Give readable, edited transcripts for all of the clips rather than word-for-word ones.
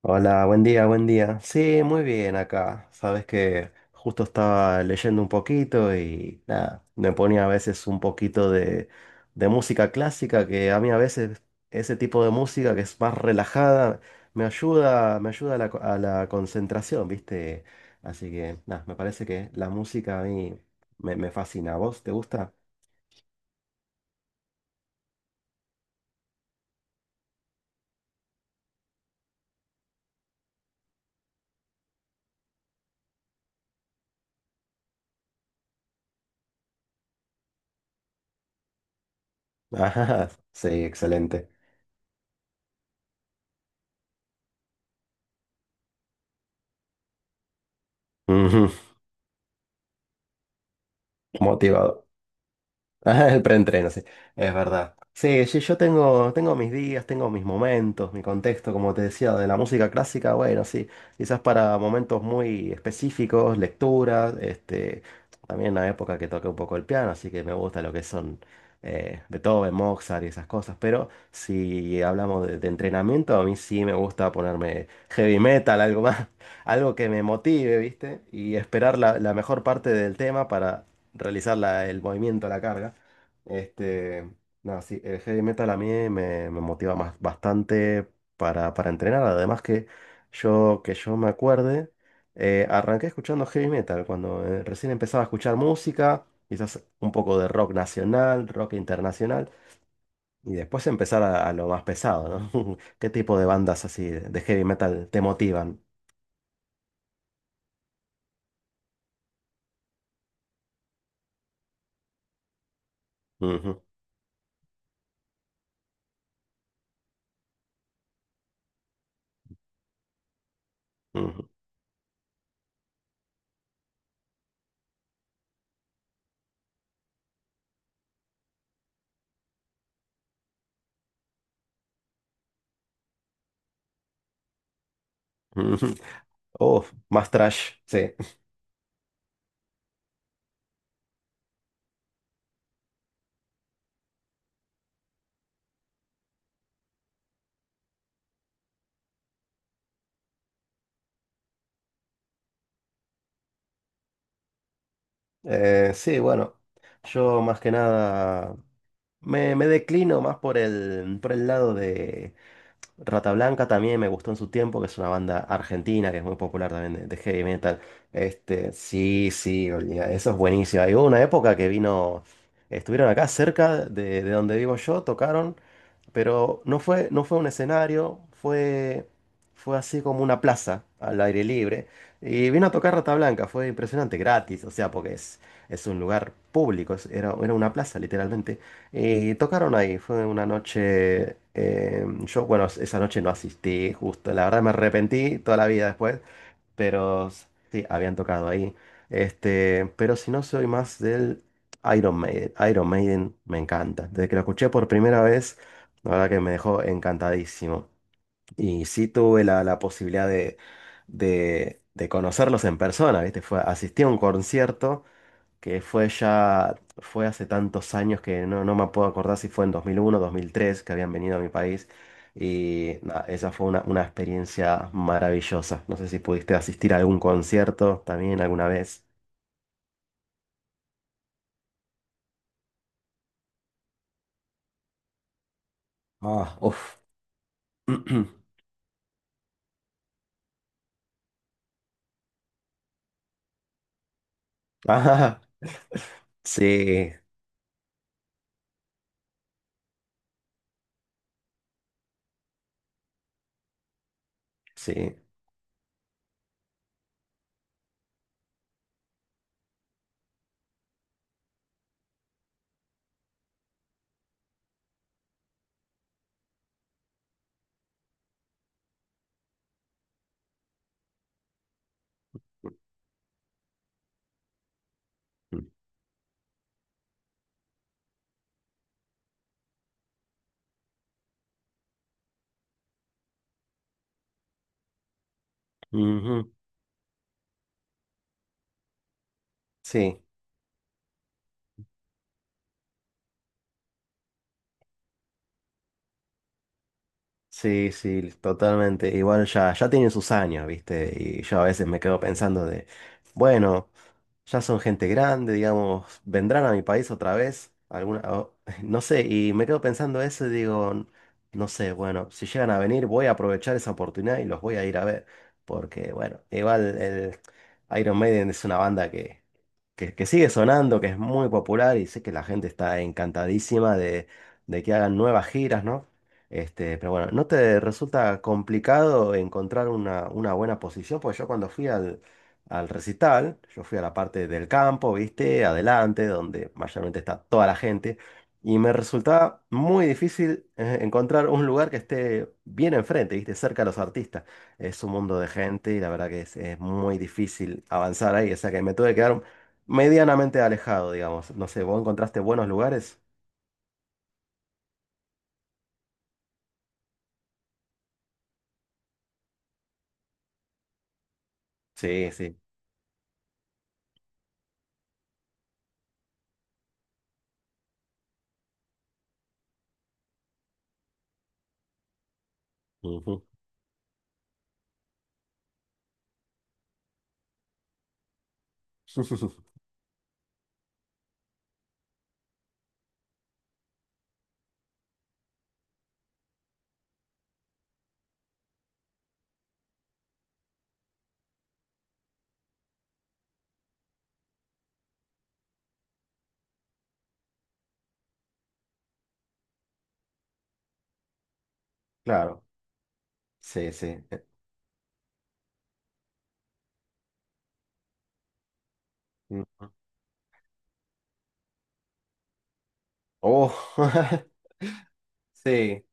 Hola, buen día, buen día. Sí, muy bien acá. Sabes que justo estaba leyendo un poquito y nada, me ponía a veces un poquito de música clásica, que a mí a veces ese tipo de música que es más relajada me ayuda a a la concentración, ¿viste? Así que nada, me parece que la música a mí me fascina. ¿A vos te gusta? Ajá, sí, excelente. Ujú. Motivado. Ah, el preentreno, sí, es verdad. Sí, sí, yo tengo mis días, tengo mis momentos, mi contexto, como te decía, de la música clásica, bueno, sí, quizás para momentos muy específicos, lecturas, también la época que toqué un poco el piano, así que me gusta lo que son Beethoven, Mozart y esas cosas, pero si hablamos de entrenamiento, a mí sí me gusta ponerme heavy metal, algo más, algo que me motive, ¿viste? Y esperar la mejor parte del tema para realizar el movimiento, la carga. Este, nada, sí, el heavy metal a mí me motiva más, bastante para entrenar. Además que que yo me acuerde, arranqué escuchando heavy metal cuando recién empezaba a escuchar música, quizás un poco de rock nacional, rock internacional, y después empezar a lo más pesado, ¿no? ¿Qué tipo de bandas así de heavy metal te motivan? Ujú, ujú, ujú. Oh, más trash, sí. Sí, bueno, yo más que nada... Me declino más por por el lado de Rata Blanca también me gustó en su tiempo, que es una banda argentina que es muy popular también de heavy metal. Este, sí, sí, olía, eso es buenísimo. Hay una época que vino, estuvieron acá cerca de donde vivo yo, tocaron pero no fue un escenario, fue así como una plaza al aire libre. Y vino a tocar Rata Blanca, fue impresionante, gratis, o sea, porque es un lugar público, era, era una plaza literalmente. Y tocaron ahí, fue una noche, yo, bueno, esa noche no asistí, justo, la verdad me arrepentí toda la vida después, pero sí, habían tocado ahí. Este, pero si no, soy más del Iron Maiden. Iron Maiden me encanta. Desde que lo escuché por primera vez, la verdad que me dejó encantadísimo. Y sí tuve la posibilidad de conocerlos en persona, ¿viste? Fue, asistí a un concierto que fue ya, fue hace tantos años que no, no me puedo acordar si fue en 2001 2003 que habían venido a mi país. Y nada, esa fue una experiencia maravillosa. No sé si pudiste asistir a algún concierto también alguna vez. Ah, uff. Ah, sí, sí. Ujú, sí. Sí, sí, totalmente. Igual ya, ya tienen sus años, ¿viste? Y yo a veces me quedo pensando de, bueno, ya son gente grande, digamos, vendrán a mi país otra vez, alguna, no sé, y me quedo pensando eso y digo, "N- no sé, bueno, si llegan a venir voy a aprovechar esa oportunidad y los voy a ir a ver, porque bueno, igual el Iron Maiden es una banda que sigue sonando, que es muy popular y sé que la gente está encantadísima de que hagan nuevas giras, ¿no? Este, pero bueno, ¿no te resulta complicado encontrar una buena posición? Porque yo cuando fui al recital, yo fui a la parte del campo, ¿viste? Adelante, donde mayormente está toda la gente, y me resultaba muy difícil encontrar un lugar que esté bien enfrente, ¿viste? Cerca de los artistas. Es un mundo de gente y la verdad que es muy difícil avanzar ahí, o sea que me tuve que quedar medianamente alejado, digamos. No sé, ¿vos encontraste buenos lugares? Sí, sí. Ujú. Claro. Sí, sí. Mm, Oh, sí.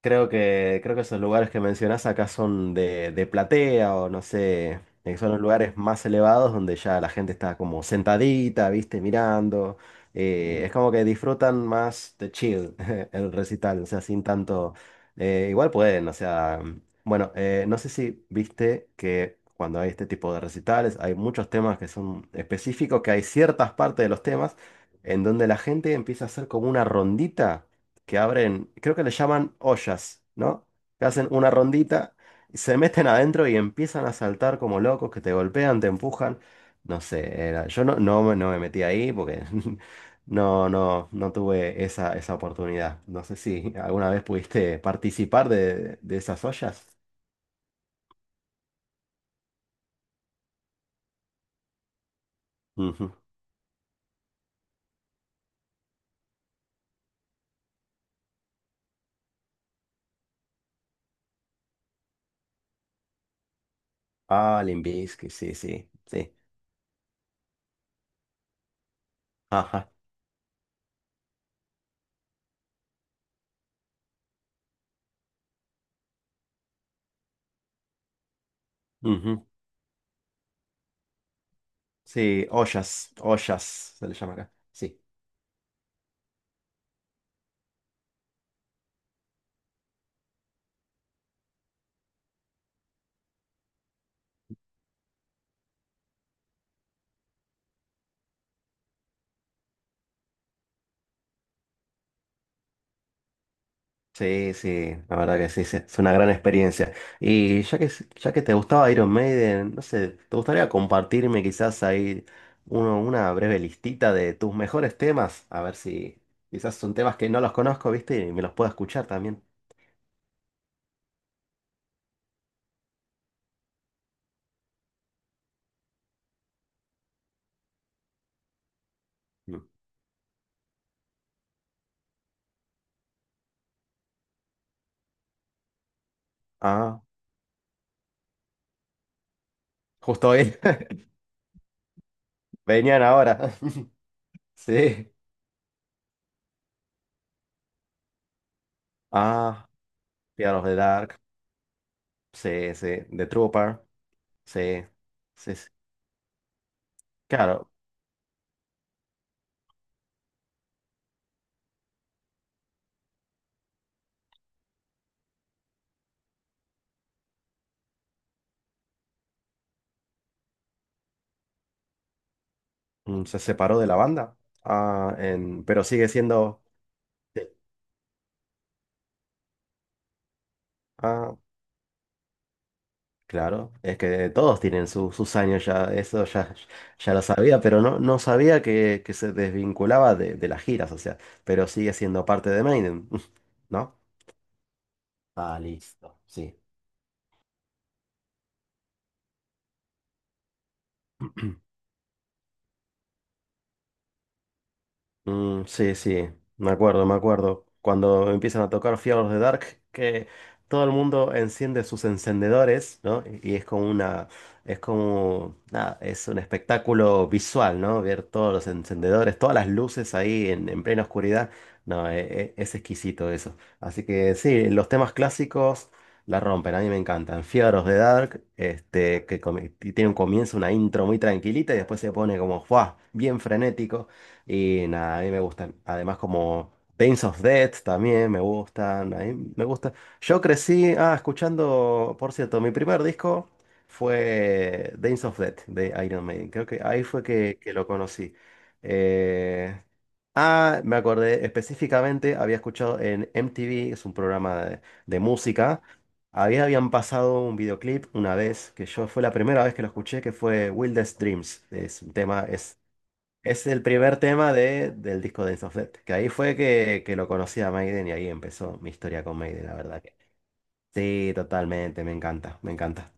Creo que esos lugares que mencionás acá son de platea o no sé, son los lugares más elevados donde ya la gente está como sentadita, viste, mirando. Es como que disfrutan más de chill el recital, o sea, sin tanto. Igual pueden, o sea. Bueno, no sé si viste que cuando hay este tipo de recitales hay muchos temas que son específicos, que hay ciertas partes de los temas en donde la gente empieza a hacer como una rondita que abren, creo que le llaman ollas, ¿no? Que hacen una rondita, y se meten adentro y empiezan a saltar como locos, que te golpean, te empujan. No sé, yo no, no, me no me metí ahí porque no, no, no tuve esa oportunidad. No sé si alguna vez pudiste participar de esas ollas. Ujú. Ah, Limp Bizkit, sí, sí, sí. Ajá. Ujú. Sí, ollas, ollas se le llama acá. Sí. Sí, sí, la verdad que sí, sí, es una gran experiencia. Y ya que te gustaba Iron Maiden, no sé, ¿te gustaría compartirme quizás ahí una breve listita de tus mejores temas? A ver si quizás son temas que no los conozco, ¿viste? Y me los puedo escuchar también. Mm. Ah, justo hoy. Venían ahora. Sí. Ah, Fear of the Dark. Sí, sí. The Trooper. Sí, sí, sí. Claro, mm, se separó de la banda. Ah, pero sigue siendo... Ah, claro, es que todos tienen sus años ya, eso ya, ya lo sabía, pero no, no sabía que se desvinculaba de las giras, o sea, pero sigue siendo parte de Maiden, ¿no? Ah, listo. Sí. Mm, sí, sí, me acuerdo, me acuerdo. Cuando empiezan a tocar Fear de Dark, que todo el mundo enciende sus encendedores, ¿no? Y es como una, es como, nada, es un espectáculo visual, ¿no? Ver todos los encendedores, todas las luces ahí en plena oscuridad. No, es, exquisito eso. Así que sí, los temas clásicos la rompen, a mí me encantan. Fear de Dark, este, que tiene un comienzo, una intro muy tranquilita y después se pone como, ¡fua! Bien frenético. Y nada, a mí me gustan. Además, como Days of Death también me gustan. A mí me gusta. Yo crecí, ah, escuchando, por cierto, mi primer disco fue Days of Death de Iron Maiden. Creo que ahí fue que lo conocí. Eh, me acordé específicamente, había escuchado en MTV, es un programa de música. Había, habían pasado un videoclip una vez, que yo fue la primera vez que lo escuché, que fue Wildest Dreams. Es un tema, es el primer tema de, del disco de of Death, que ahí fue que lo conocí a Maiden y ahí empezó mi historia con Maiden, la verdad que. Sí, totalmente, me encanta, me encanta.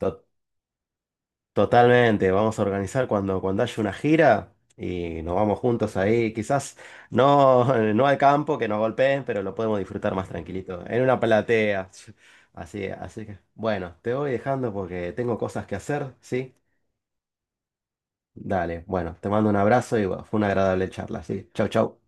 To- totalmente, vamos a organizar cuando, cuando haya una gira y nos vamos juntos ahí, quizás no, no al campo, que nos golpeen, pero lo podemos disfrutar más tranquilito, en una platea. Así, así que, bueno, te voy dejando porque tengo cosas que hacer, ¿sí? Dale, bueno, te mando un abrazo y bueno, fue una agradable charla, ¿sí? Chau, chau.